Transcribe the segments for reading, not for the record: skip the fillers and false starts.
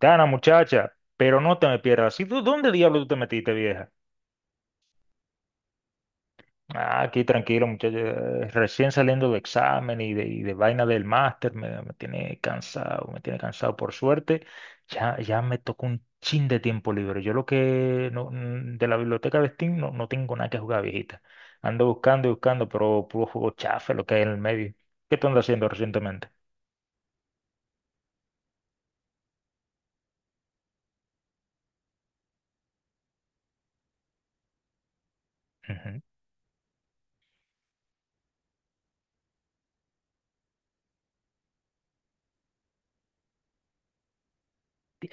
Gana muchacha, pero no te me pierdas. ¿Y tú dónde diablo tú te metiste, vieja? Ah, aquí tranquilo, muchacha. Recién saliendo del examen y de vaina del máster, me tiene cansado, me tiene cansado. Por suerte, ya me tocó un chin de tiempo libre. Yo lo que no, de la biblioteca de Steam no, no tengo nada que jugar, viejita. Ando buscando y buscando, pero puro juego chafe, lo que hay en el medio. ¿Qué tú andas haciendo recientemente?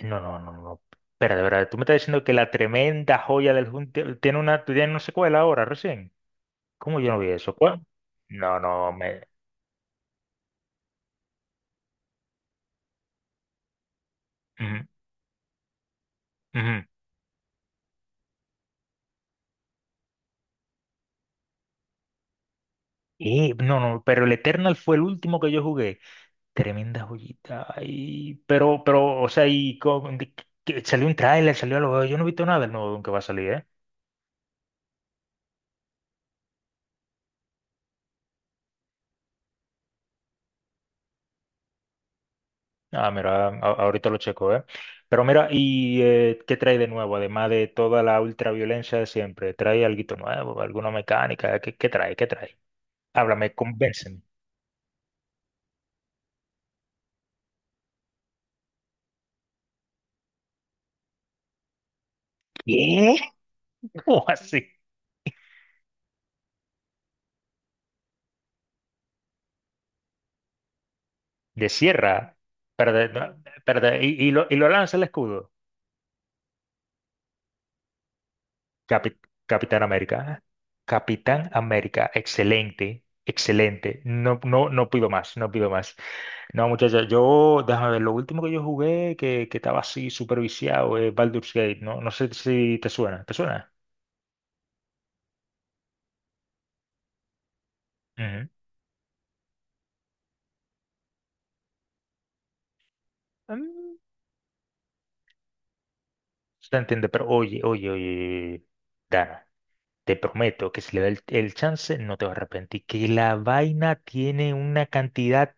No, no, no, no. No. Espera, de verdad, tú me estás diciendo que la tremenda joya del Junte tiene una secuela ahora, recién. ¿Cómo yo no vi eso? ¿Cuál? No, no, me. Ujú, ujú. No, no, pero el Eternal fue el último que yo jugué. Tremenda joyita. Ay, pero, o sea, que salió un tráiler, salió algo. Yo no he visto nada del nuevo que va a salir, ¿eh? Ah, mira, ahorita lo checo, ¿eh? Pero mira, ¿y qué trae de nuevo? Además de toda la ultraviolencia de siempre, ¿trae algo nuevo? ¿Alguna mecánica? ¿Qué, qué trae? ¿Qué trae? Háblame, convénceme. ¿Qué? ¿Cómo así? ¿De sierra? Pero, no, pero y lo lanza el escudo. Capi- Capitán América. Capitán América, excelente, excelente. No, no, no pido más, no pido más. No, muchachos, yo, déjame ver, lo último que yo jugué que estaba así superviciado es Baldur's Gate, ¿no? No sé si te suena, ¿te suena? Ujú. Mm, Se entiende, pero oye, oye, oye, oye, oye, Dana, te prometo que si le da el chance, no te vas a arrepentir. Que la vaina tiene una cantidad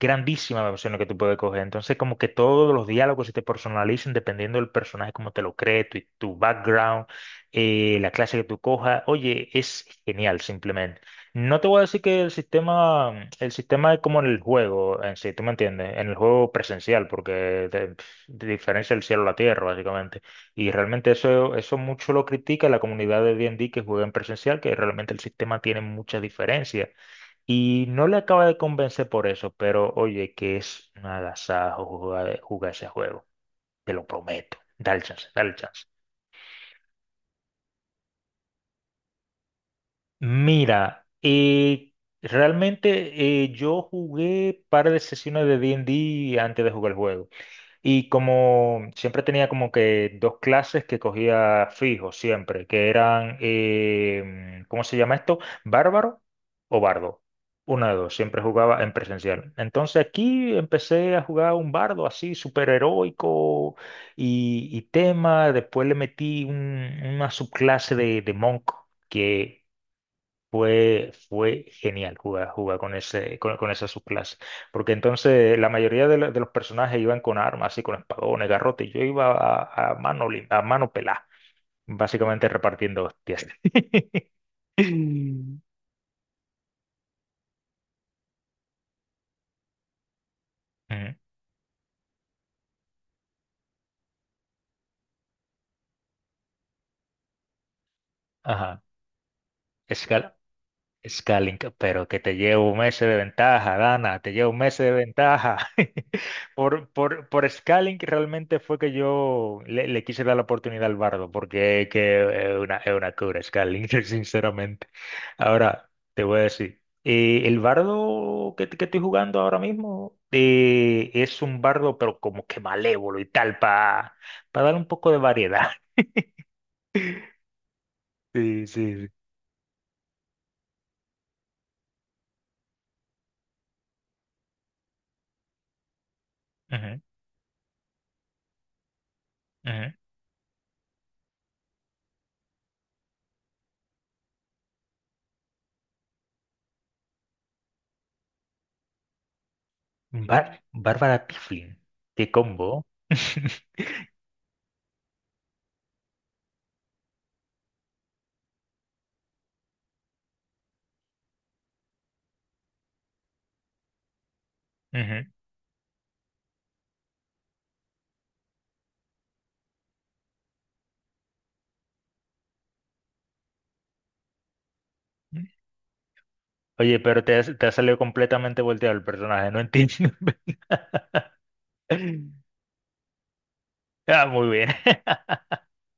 grandísima de opciones que tú puedes coger. Entonces, como que todos los diálogos se te personalizan dependiendo del personaje, como te lo cree, tu background, la clase que tú cojas. Oye, es genial, simplemente. No te voy a decir que el sistema es como en el juego en sí, ¿tú me entiendes? En el juego presencial, porque te diferencia el cielo a la tierra, básicamente, y realmente eso mucho lo critica la comunidad de D&D que juega en presencial, que realmente el sistema tiene muchas diferencias. Y no le acaba de convencer por eso, pero oye, que es un agasajo jugar, jugar ese juego. Te lo prometo. Dale chance, dale chance. Mira, realmente yo jugué par de sesiones de D&D antes de jugar el juego. Y como siempre tenía como que dos clases que cogía fijo siempre, que eran, ¿cómo se llama esto? Bárbaro o bardo. Una de dos, siempre jugaba en presencial. Entonces aquí empecé a jugar un bardo así, súper heroico y tema. Después le metí una subclase de monk, que fue genial jugar con ese, con esa subclase. Porque entonces la mayoría de los personajes iban con armas y con espadones, garrotes. Y yo iba a mano, a mano pelada, básicamente repartiendo hostias. Mm. Ajá. Escala. Scaling, pero que te llevo un mes de ventaja, Dana, te llevo un mes de ventaja. Por Scaling realmente fue que yo le quise dar la oportunidad al Bardo, porque que es una cura Scaling, sinceramente. Ahora, te voy a decir, el Bardo que estoy jugando ahora mismo es un Bardo, pero como que malévolo y tal, para dar un poco de variedad. Sí, sí, sí. Ujú, ujú. Bárbara Pifflin. Qué combo. Ujú. Oye, pero te ha salido completamente volteado el personaje, no entiendo. Ah, muy bien.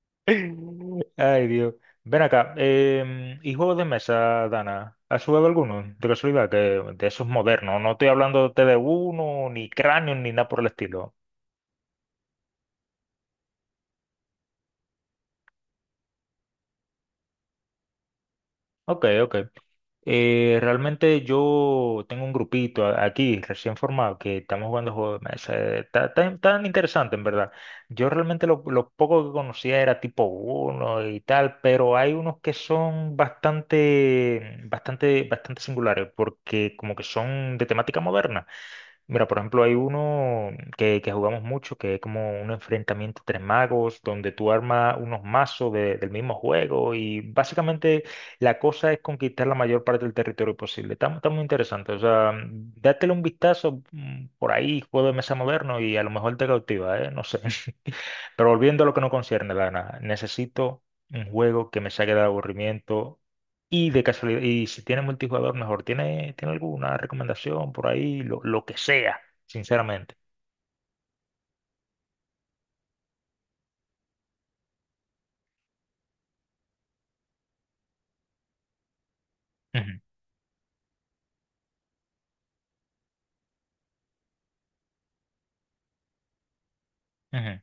Ay, Dios. Ven acá. ¿Y juegos de mesa, Dana? ¿Has jugado alguno? De casualidad, que de esos modernos. No estoy hablándote de uno, ni cráneo, ni nada por el estilo. Ok, ok. Realmente yo tengo un grupito aquí recién formado que estamos jugando juegos de mesa. Está tan, tan interesante, en verdad. Yo realmente lo poco que conocía era tipo uno y tal, pero hay unos que son bastante, bastante, bastante singulares porque como que son de temática moderna. Mira, por ejemplo, hay uno que jugamos mucho, que es como un enfrentamiento entre magos, donde tú armas unos mazos del mismo juego y básicamente la cosa es conquistar la mayor parte del territorio posible. Está muy interesante, o sea, dátele un vistazo por ahí, juego de mesa moderno y a lo mejor te cautiva, ¿eh? No sé. Pero volviendo a lo que no concierne, Lana, necesito un juego que me saque del aburrimiento y de casualidad, y si tiene multijugador, mejor. ¿Tiene alguna recomendación por ahí? Lo que sea, sinceramente. Ujú, ujú.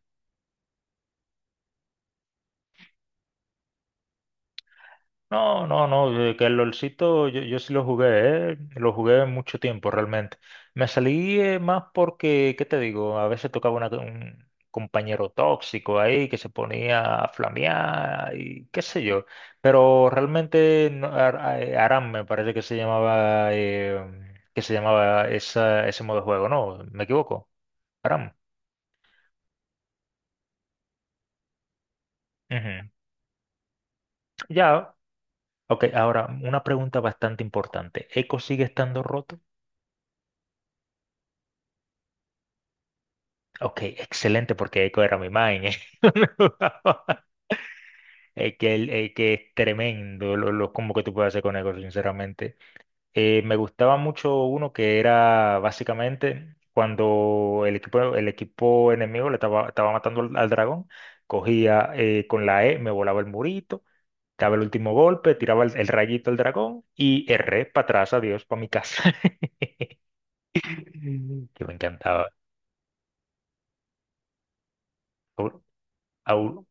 No, no, no, que el LOLcito yo sí lo jugué, lo jugué mucho tiempo realmente. Me salí más porque, ¿qué te digo? A veces tocaba un compañero tóxico ahí que se ponía a flamear y qué sé yo. Pero realmente Aram me parece que se llamaba ese modo de juego, ¿no? ¿Me equivoco? Aram. Ujú. Ya. Ok, ahora una pregunta bastante importante. ¿Eco sigue estando roto? Ok, excelente, porque Echo era mi man, ¿eh? Es que es tremendo lo combo que tú puedes hacer con Echo, sinceramente. Me gustaba mucho uno que era básicamente cuando el equipo enemigo le estaba matando al dragón, cogía con la E, me volaba el murito, daba el último golpe, tiraba el rayito al dragón y erré para atrás, adiós, para mi casa. Que me encantaba. Au- au-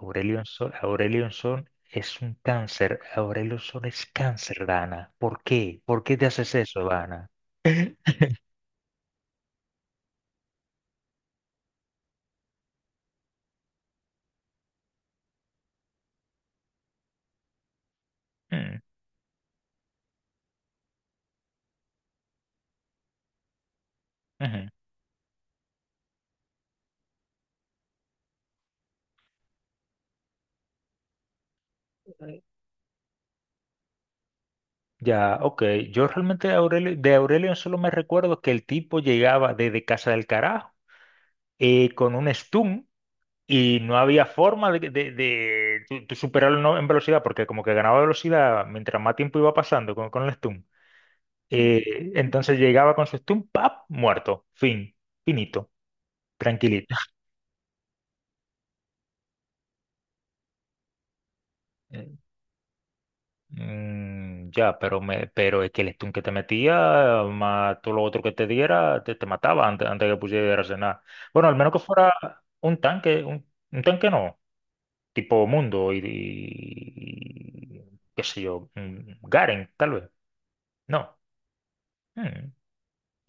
Aurelion Sol, Aurelion Sol es un cáncer. Aurelion Sol es cáncer, Dana. ¿Por qué? ¿Por qué te haces eso, Dana? Mm, ujú. Ya, ok. Yo realmente de Aurelion solo me recuerdo que el tipo llegaba desde casa del carajo con un stun y no había forma tu superarlo, ¿no? En velocidad, porque como que ganaba velocidad mientras más tiempo iba pasando con el stun. Mm. Entonces llegaba con su stun, ¡pap! Muerto. Fin. Finito. Tranquilito. Eh, ya, pero es que el stun que te metía, más todo lo otro que te diera, te mataba antes que pusieras a cenar. Bueno, al menos que fuera un tanque, un tanque no, tipo Mundo y qué sé yo, Garen, tal vez. No. Mm,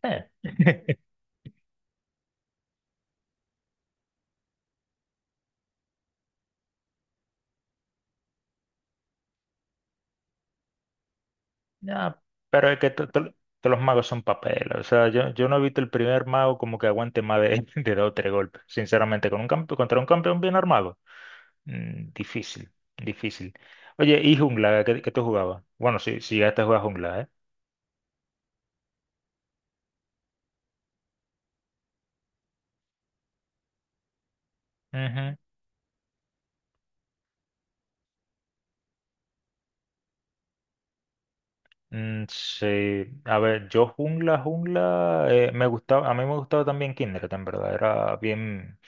eh. Ya, pero es que todos los magos son papel. O sea, yo no he visto el primer mago como que aguante más de, de dos o tres golpes. Sinceramente, con un contra un campeón bien armado. Mm, difícil, difícil. Oye, ¿y jungla? ¿Qué, qué tú jugabas? Bueno, si si ya te juegas jungla, ¿eh? Ujú. Mm, sí, a ver, yo jungla, jungla, a mí me gustaba también Kindred, en verdad, era bien,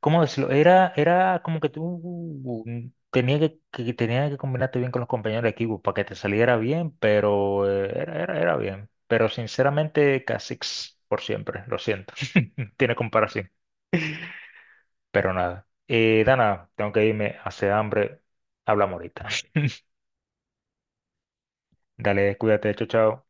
¿cómo decirlo? Era como que tú tenías que tenías que combinarte bien con los compañeros de equipo para que te saliera bien, pero era bien, pero sinceramente Kha'Zix por siempre, lo siento, tiene comparación. Pero nada. Dana, tengo que irme, hace hambre. Hablamos ahorita. Dale, cuídate, chao, chao.